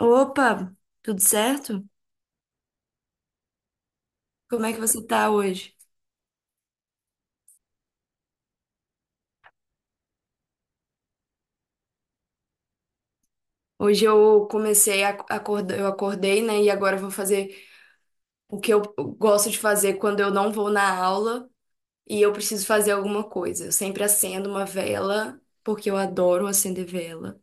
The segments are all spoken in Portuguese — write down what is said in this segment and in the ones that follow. Opa, tudo certo? Como é que você tá hoje? Hoje eu comecei a acordar, eu acordei, né? E agora eu vou fazer o que eu gosto de fazer quando eu não vou na aula e eu preciso fazer alguma coisa. Eu sempre acendo uma vela, porque eu adoro acender vela.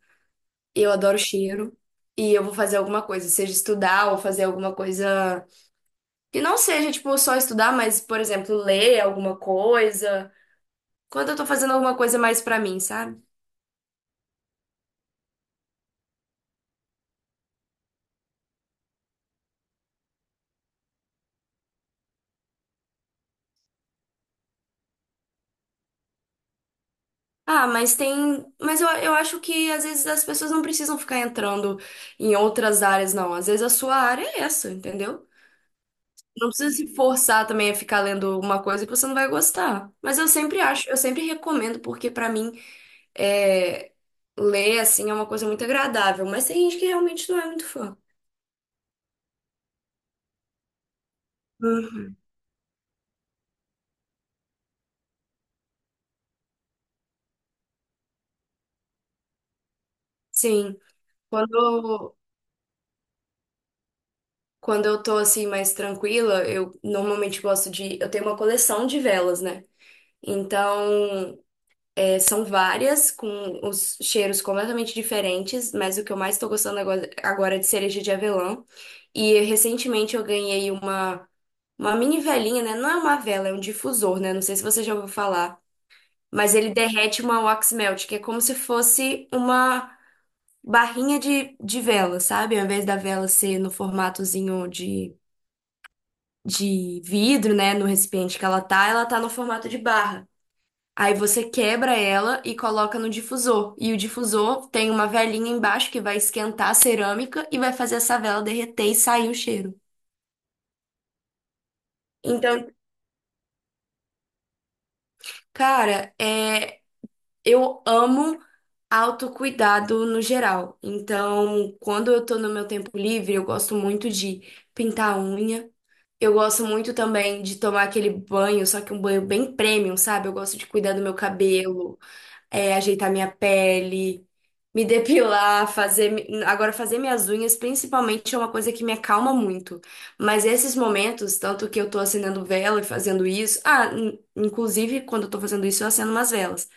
Eu adoro cheiro e eu vou fazer alguma coisa, seja estudar ou fazer alguma coisa que não seja tipo só estudar, mas por exemplo, ler alguma coisa. Quando eu tô fazendo alguma coisa mais pra mim, sabe? Ah, mas tem. Mas eu acho que às vezes as pessoas não precisam ficar entrando em outras áreas, não. Às vezes a sua área é essa, entendeu? Não precisa se forçar também a ficar lendo uma coisa que você não vai gostar. Mas eu sempre acho, eu sempre recomendo, porque pra mim é, ler assim é uma coisa muito agradável. Mas tem gente que realmente não é muito fã. Uhum. Sim. Quando, quando eu tô assim mais tranquila, eu normalmente gosto de. Eu tenho uma coleção de velas, né? Então. São várias, com os cheiros completamente diferentes, mas o que eu mais estou gostando agora é de cereja de avelã. E recentemente eu ganhei uma mini velinha, né? Não é uma vela, é um difusor, né? Não sei se você já ouviu falar, mas ele derrete uma wax melt, que é como se fosse uma barrinha de vela, sabe? Ao invés da vela ser no formatozinho de vidro, né? No recipiente que ela tá no formato de barra. Aí você quebra ela e coloca no difusor. E o difusor tem uma velinha embaixo que vai esquentar a cerâmica e vai fazer essa vela derreter e sair o cheiro. Então, cara, é, eu amo autocuidado no geral. Então, quando eu tô no meu tempo livre, eu gosto muito de pintar a unha. Eu gosto muito também de tomar aquele banho, só que um banho bem premium, sabe? Eu gosto de cuidar do meu cabelo. É, ajeitar minha pele, me depilar, fazer. Agora, fazer minhas unhas, principalmente, é uma coisa que me acalma muito. Mas esses momentos, tanto que eu tô acendendo vela e fazendo isso. Ah, inclusive, quando eu tô fazendo isso, eu acendo umas velas.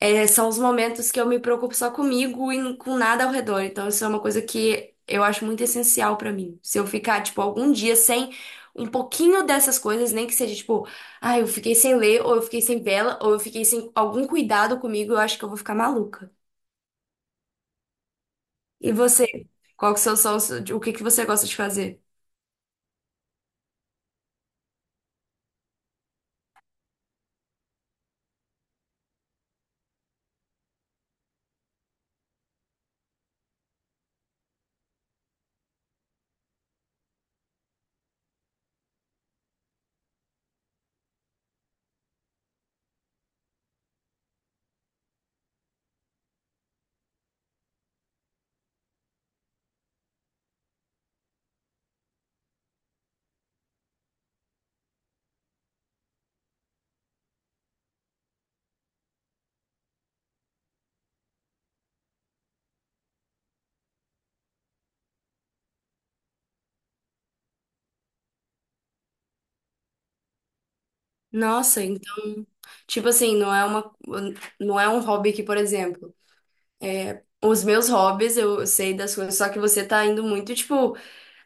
É, são os momentos que eu me preocupo só comigo e com nada ao redor. Então, isso é uma coisa que eu acho muito essencial pra mim. Se eu ficar, tipo, algum dia sem um pouquinho dessas coisas, nem que seja, tipo, ah, eu fiquei sem ler, ou eu fiquei sem vela, ou eu fiquei sem algum cuidado comigo, eu acho que eu vou ficar maluca. E você? Qual que são os seus, o que que você gosta de fazer? Nossa, então, tipo assim, não é uma, não é um hobby que, por exemplo, é, os meus hobbies, eu sei das coisas, só que você tá indo muito, tipo.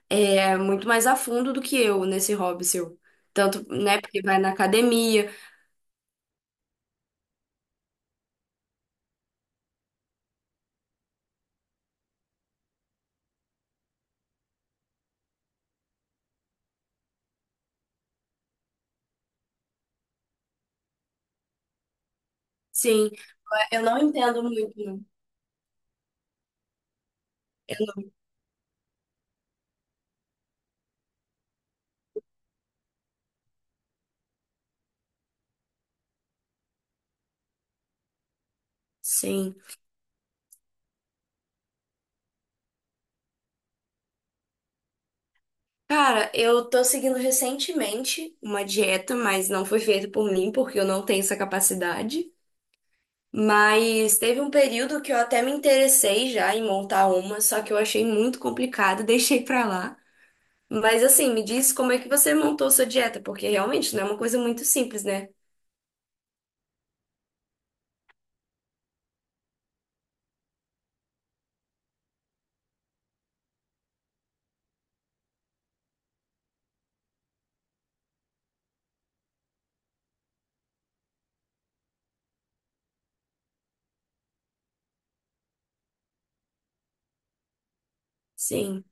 É muito mais a fundo do que eu nesse hobby seu. Tanto, né, porque vai na academia. Sim, eu não entendo muito. Não. Eu não- Sim. Cara, eu tô seguindo recentemente uma dieta, mas não foi feita por mim, porque eu não tenho essa capacidade. Mas teve um período que eu até me interessei já em montar uma, só que eu achei muito complicado, deixei pra lá. Mas assim, me diz como é que você montou sua dieta, porque realmente não é uma coisa muito simples, né? Sim,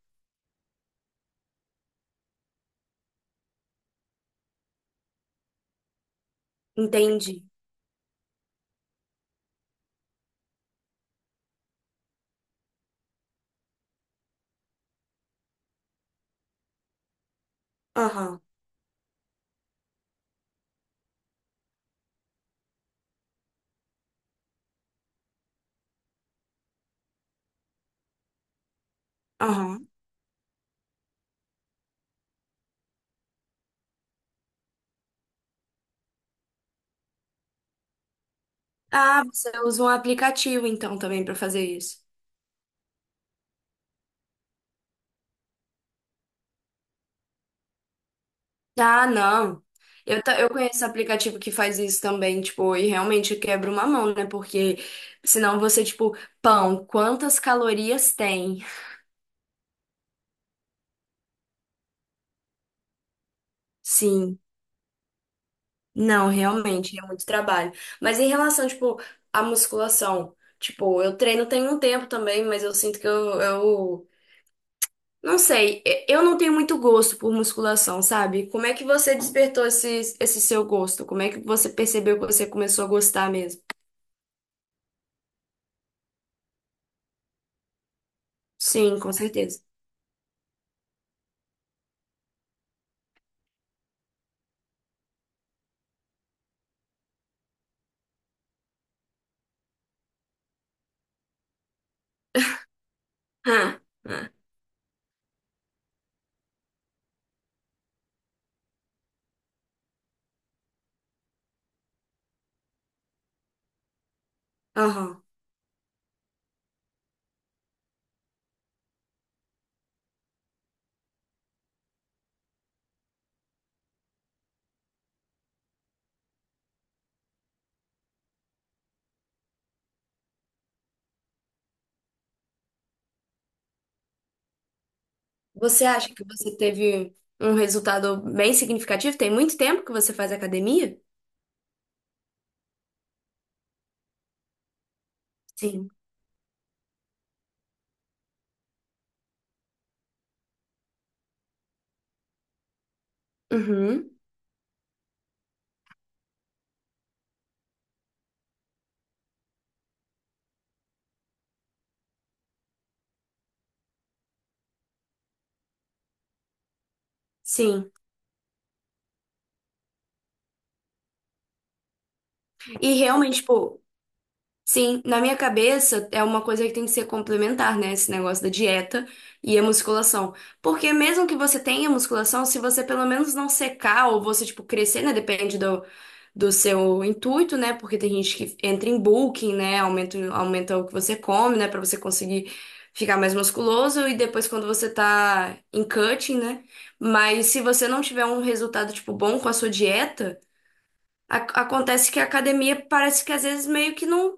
entendi. Aham. Aham. Ah, você usa um aplicativo então também pra fazer isso. Ah, não. Eu conheço aplicativo que faz isso também, tipo, e realmente quebra uma mão, né? Porque senão você, tipo, pão, quantas calorias tem? Sim. Não, realmente, é muito trabalho. Mas em relação, tipo, à musculação, tipo, eu treino tem um tempo também, mas eu sinto que eu não sei, eu não tenho muito gosto por musculação, sabe? Como é que você despertou esse seu gosto? Como é que você percebeu que você começou a gostar mesmo? Sim, com certeza. Ah, ah, aham. Você acha que você teve um resultado bem significativo? Tem muito tempo que você faz academia? Sim. Uhum, sim. E realmente, pô. Sim, na minha cabeça é uma coisa que tem que ser complementar, né? Esse negócio da dieta e a musculação. Porque mesmo que você tenha musculação, se você pelo menos não secar ou você, tipo, crescer, né? Depende do seu intuito, né? Porque tem gente que entra em bulking, né? Aumenta, aumenta o que você come, né? Pra você conseguir ficar mais musculoso. E depois quando você tá em cutting, né? Mas se você não tiver um resultado, tipo, bom com a sua dieta, a- acontece que a academia parece que às vezes meio que não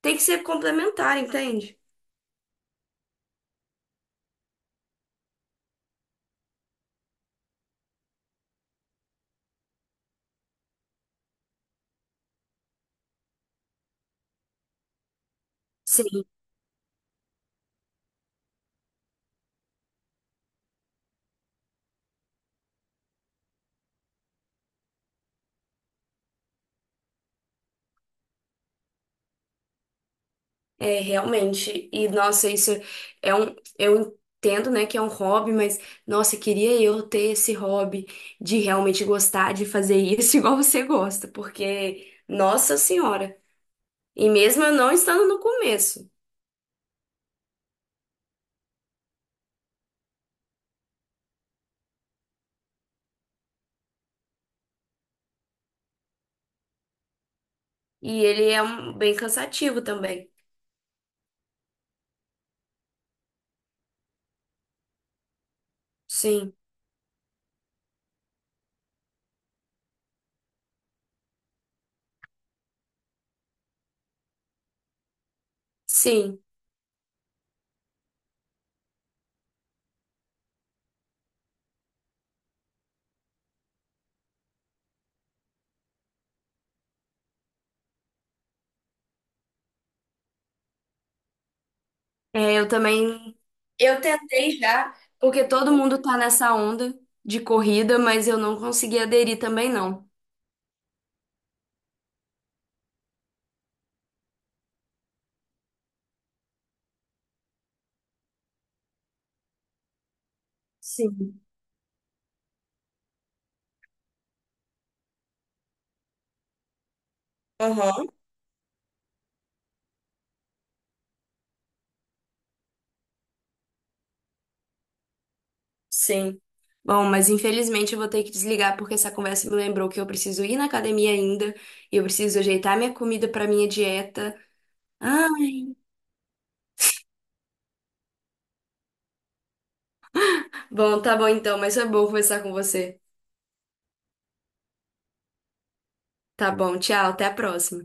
tem que ser complementar, entende? Sim. É, realmente. E, nossa, isso é um. Eu entendo, né, que é um hobby, mas, nossa, queria eu ter esse hobby de realmente gostar de fazer isso igual você gosta, porque, nossa senhora. E mesmo eu não estando no começo. E ele é um, bem cansativo também. Sim, sim. É, eu também. Eu tentei já, porque todo mundo tá nessa onda de corrida, mas eu não consegui aderir também, não. Sim. Aham, sim. Bom, mas infelizmente eu vou ter que desligar porque essa conversa me lembrou que eu preciso ir na academia ainda e eu preciso ajeitar minha comida para minha dieta. Ai. Bom, tá bom então, mas foi bom conversar com você. Tá bom, tchau, até a próxima.